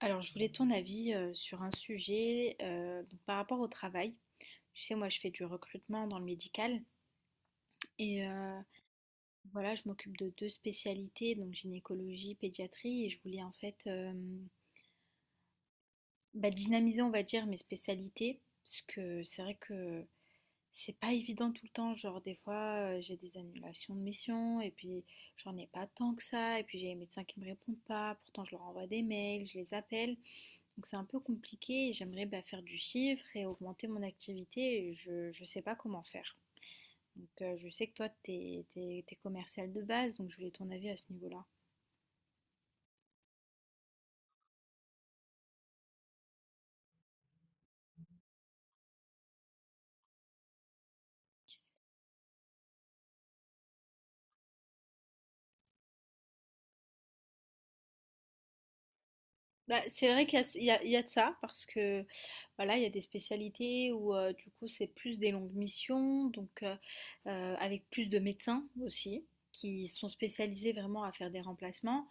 Alors, je voulais ton avis sur un sujet donc par rapport au travail. Tu sais, moi, je fais du recrutement dans le médical et voilà, je m'occupe de deux spécialités, donc gynécologie, pédiatrie, et je voulais en fait bah, dynamiser, on va dire, mes spécialités, parce que c'est vrai que c'est pas évident tout le temps. Genre, des fois, j'ai des annulations de missions, et puis j'en ai pas tant que ça, et puis j'ai les médecins qui me répondent pas, pourtant je leur envoie des mails, je les appelle. Donc c'est un peu compliqué et j'aimerais bah, faire du chiffre et augmenter mon activité. Et je ne sais pas comment faire. Donc je sais que toi, tu es, commercial de base, donc je voulais ton avis à ce niveau-là. Bah, c'est vrai qu'il y a, il y a- il y a de ça, parce que voilà, il y a des spécialités où du coup c'est plus des longues missions, donc avec plus de médecins aussi, qui sont spécialisés vraiment à faire des remplacements.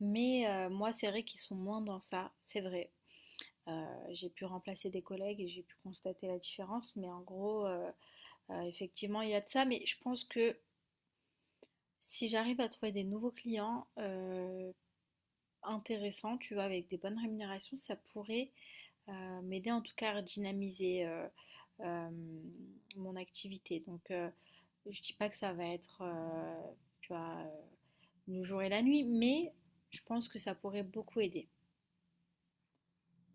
Mais moi, c'est vrai qu'ils sont moins dans ça, c'est vrai. J'ai pu remplacer des collègues et j'ai pu constater la différence. Mais en gros, effectivement, il y a de ça. Mais je pense que si j'arrive à trouver des nouveaux clients intéressants, tu vois, avec des bonnes rémunérations, ça pourrait m'aider en tout cas à dynamiser euh, mon activité. Donc, je dis pas que ça va être, tu vois, le jour et la nuit, mais je pense que ça pourrait beaucoup aider.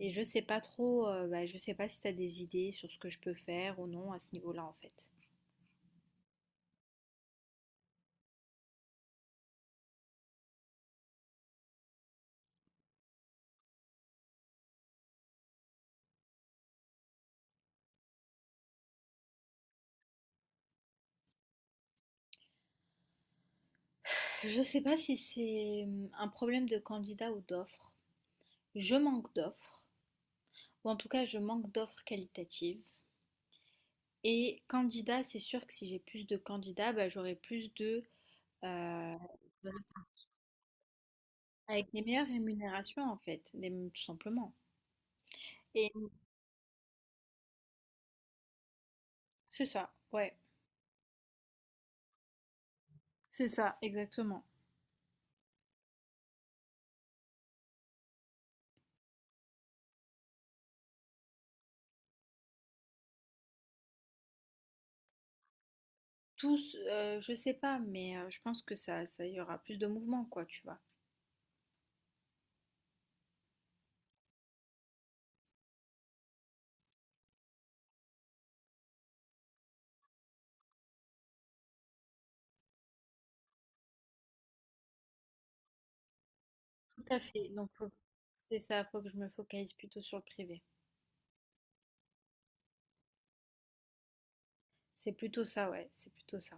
Et je sais pas trop, bah, je sais pas si tu as des idées sur ce que je peux faire ou non à ce niveau-là en fait. Je sais pas si c'est un problème de candidat ou d'offre. Je manque d'offres, ou en tout cas je manque d'offres qualitatives. Et candidat, c'est sûr que si j'ai plus de candidats, bah, j'aurai plus de, euh, de- Avec des meilleures rémunérations en fait, tout simplement. Et c'est ça, ouais, c'est ça, exactement. Tous, je sais pas, mais je pense que ça y aura plus de mouvement quoi, tu vois? Tout à fait, donc faut c'est ça, faut que je me focalise plutôt sur le privé. C'est plutôt ça, ouais, c'est plutôt ça.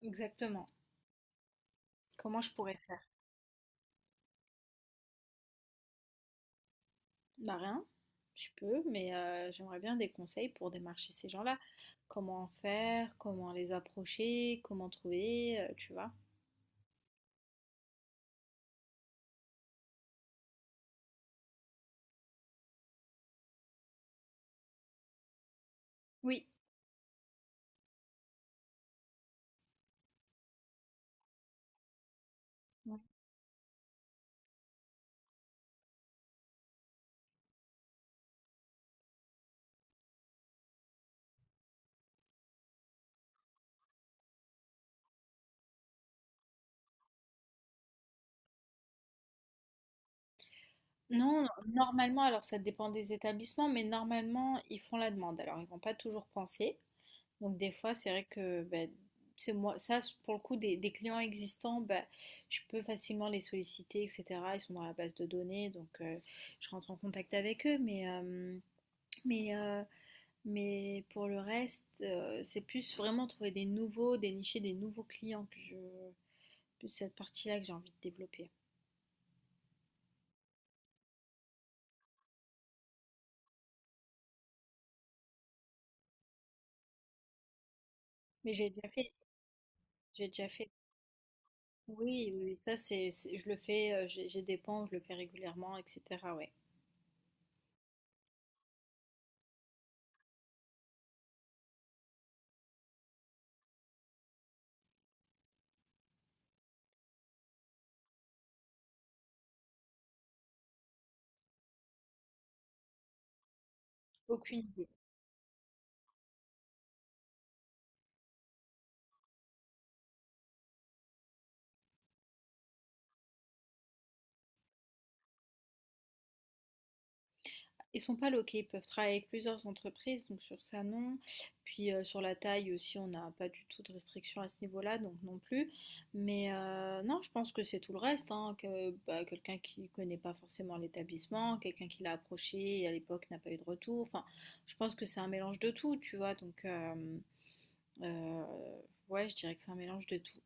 Exactement. Comment je pourrais faire? Bah, rien, je peux, mais j'aimerais bien des conseils pour démarcher ces gens-là. Comment en faire? Comment les approcher? Comment trouver? Tu vois? Oui. Ouais. Non, non, normalement, alors ça dépend des établissements, mais normalement, ils font la demande. Alors ils vont pas toujours penser, donc des fois, c'est vrai que ben, c'est moi, ça, c'est- pour le coup, des clients existants, ben, je peux facilement les solliciter, etc. Ils sont dans la base de données, donc je rentre en contact avec eux. Mais, euh, mais pour le reste, c'est plus vraiment trouver des nouveaux, dénicher des nouveaux clients que je, plus cette partie-là que j'ai envie de développer. Mais j'ai déjà fait, j'ai déjà fait. Oui, oui, oui, ça, je le fais, j'ai des pans, je le fais régulièrement, etc. Ouais. Aucune idée. Ils sont pas loqués, ils peuvent travailler avec plusieurs entreprises, donc sur ça non. Puis sur la taille aussi, on n'a pas du tout de restriction à ce niveau-là, donc non plus. Mais non, je pense que c'est tout le reste, hein, que bah, quelqu'un qui connaît pas forcément l'établissement, quelqu'un qui l'a approché et à l'époque n'a pas eu de retour. Enfin, je pense que c'est un mélange de tout, tu vois. Euh, ouais, je dirais que c'est un mélange de tout.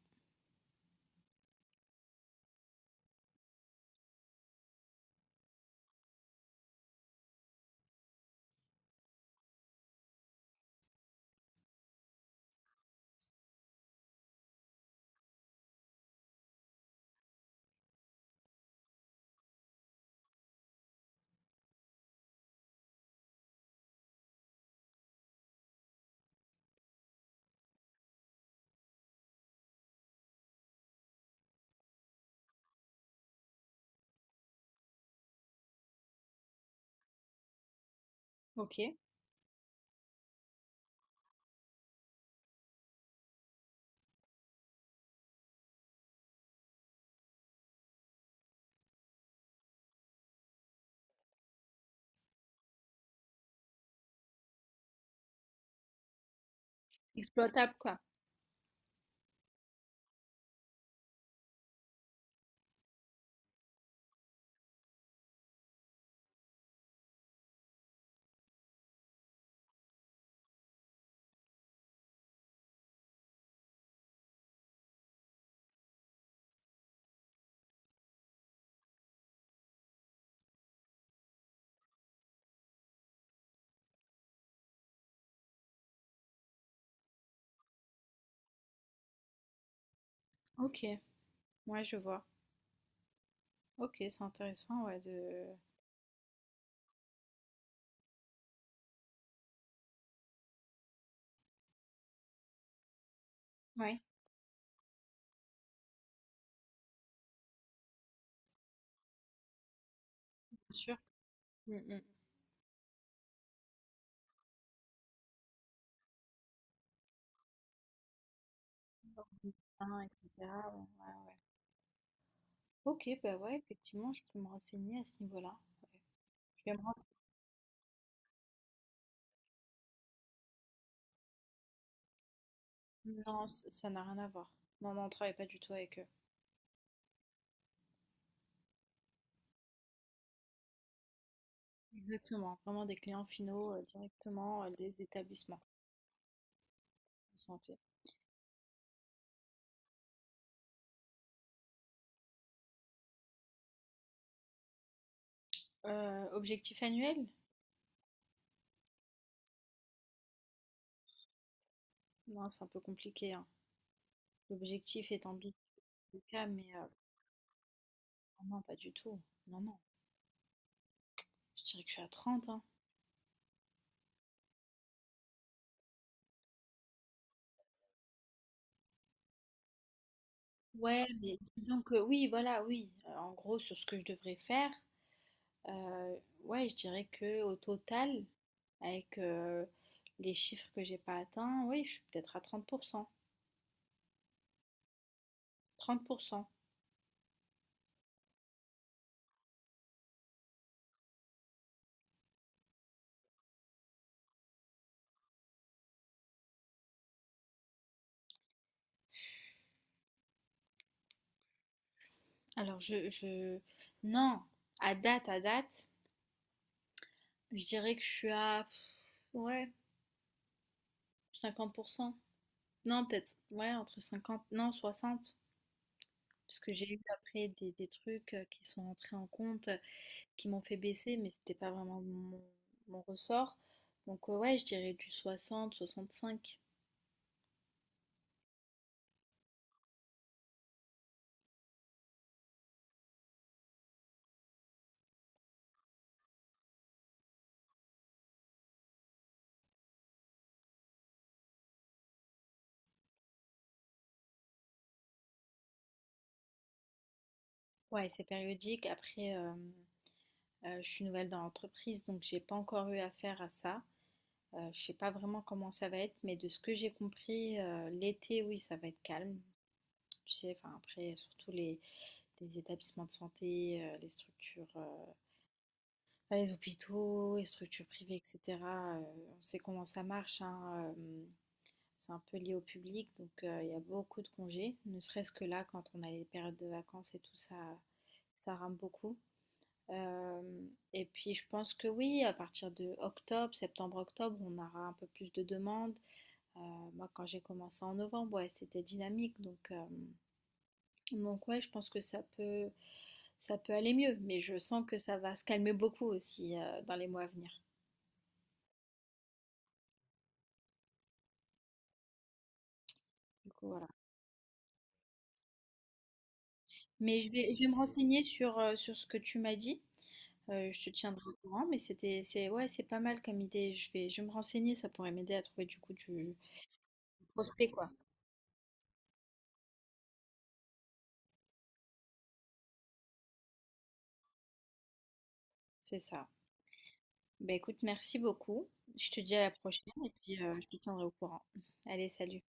Ok. Exploitable quoi. Ok. Ouais, je vois. Ok, c'est intéressant, ouais, de. Ouais, bien sûr. Mm, mm. Hein, et cetera, ouais, ouais. Ok, bah ouais, effectivement, je peux me renseigner à ce niveau-là. Ouais. Je vais me renseigner. Non, ça n'a rien à voir. Non, non, on travaille pas du tout avec eux. Exactement, vraiment des clients finaux directement des établissements de santé. Objectif annuel? Non, c'est un peu compliqué, hein. L'objectif est ambitieux, mais oh non, pas du tout. Non, non, je dirais que je suis à 30, hein. Ouais, mais disons que oui, voilà, oui. En gros, sur ce que je devrais faire. Euh, ouais, je dirais que au total, avec les chiffres que j'ai pas atteints, oui, je suis peut-être à 30%. 30%. Alors Non, à date, je dirais que je suis à... Ouais, 50%. Non, peut-être, ouais, entre 50. Non, 60. Parce que j'ai eu après des trucs qui sont entrés en compte, qui m'ont fait baisser, mais c'était pas vraiment mon ressort. Donc ouais, je dirais du 60-65. Ouais, c'est périodique. Après, je suis nouvelle dans l'entreprise, donc j'ai pas encore eu affaire à ça. Je sais pas vraiment comment ça va être, mais de ce que j'ai compris, l'été, oui, ça va être calme. Tu sais, enfin après, surtout les établissements de santé, les structures, enfin, les hôpitaux, les structures privées, etc. On sait comment ça marche, hein, c'est un peu lié au public, donc il y a beaucoup de congés. Ne serait-ce que là, quand on a les périodes de vacances et tout ça, ça rame beaucoup. Euh, et puis je pense que oui, à partir de octobre, septembre-octobre, on aura un peu plus de demandes. Euh, Moi, quand j'ai commencé en novembre, ouais, c'était dynamique, donc ouais, je pense que ça peut aller mieux, mais je sens que ça va se calmer beaucoup aussi dans les mois à venir. Du coup, voilà. Mais je vais me renseigner sur ce que tu m'as dit. Je te tiendrai au courant, mais c'est ouais, c'est pas mal comme idée. Je vais me renseigner, ça pourrait m'aider à trouver du coup du prospect quoi. C'est ça. Bah écoute, merci beaucoup. Je te dis à la prochaine et puis je te tiendrai au courant. Allez, salut.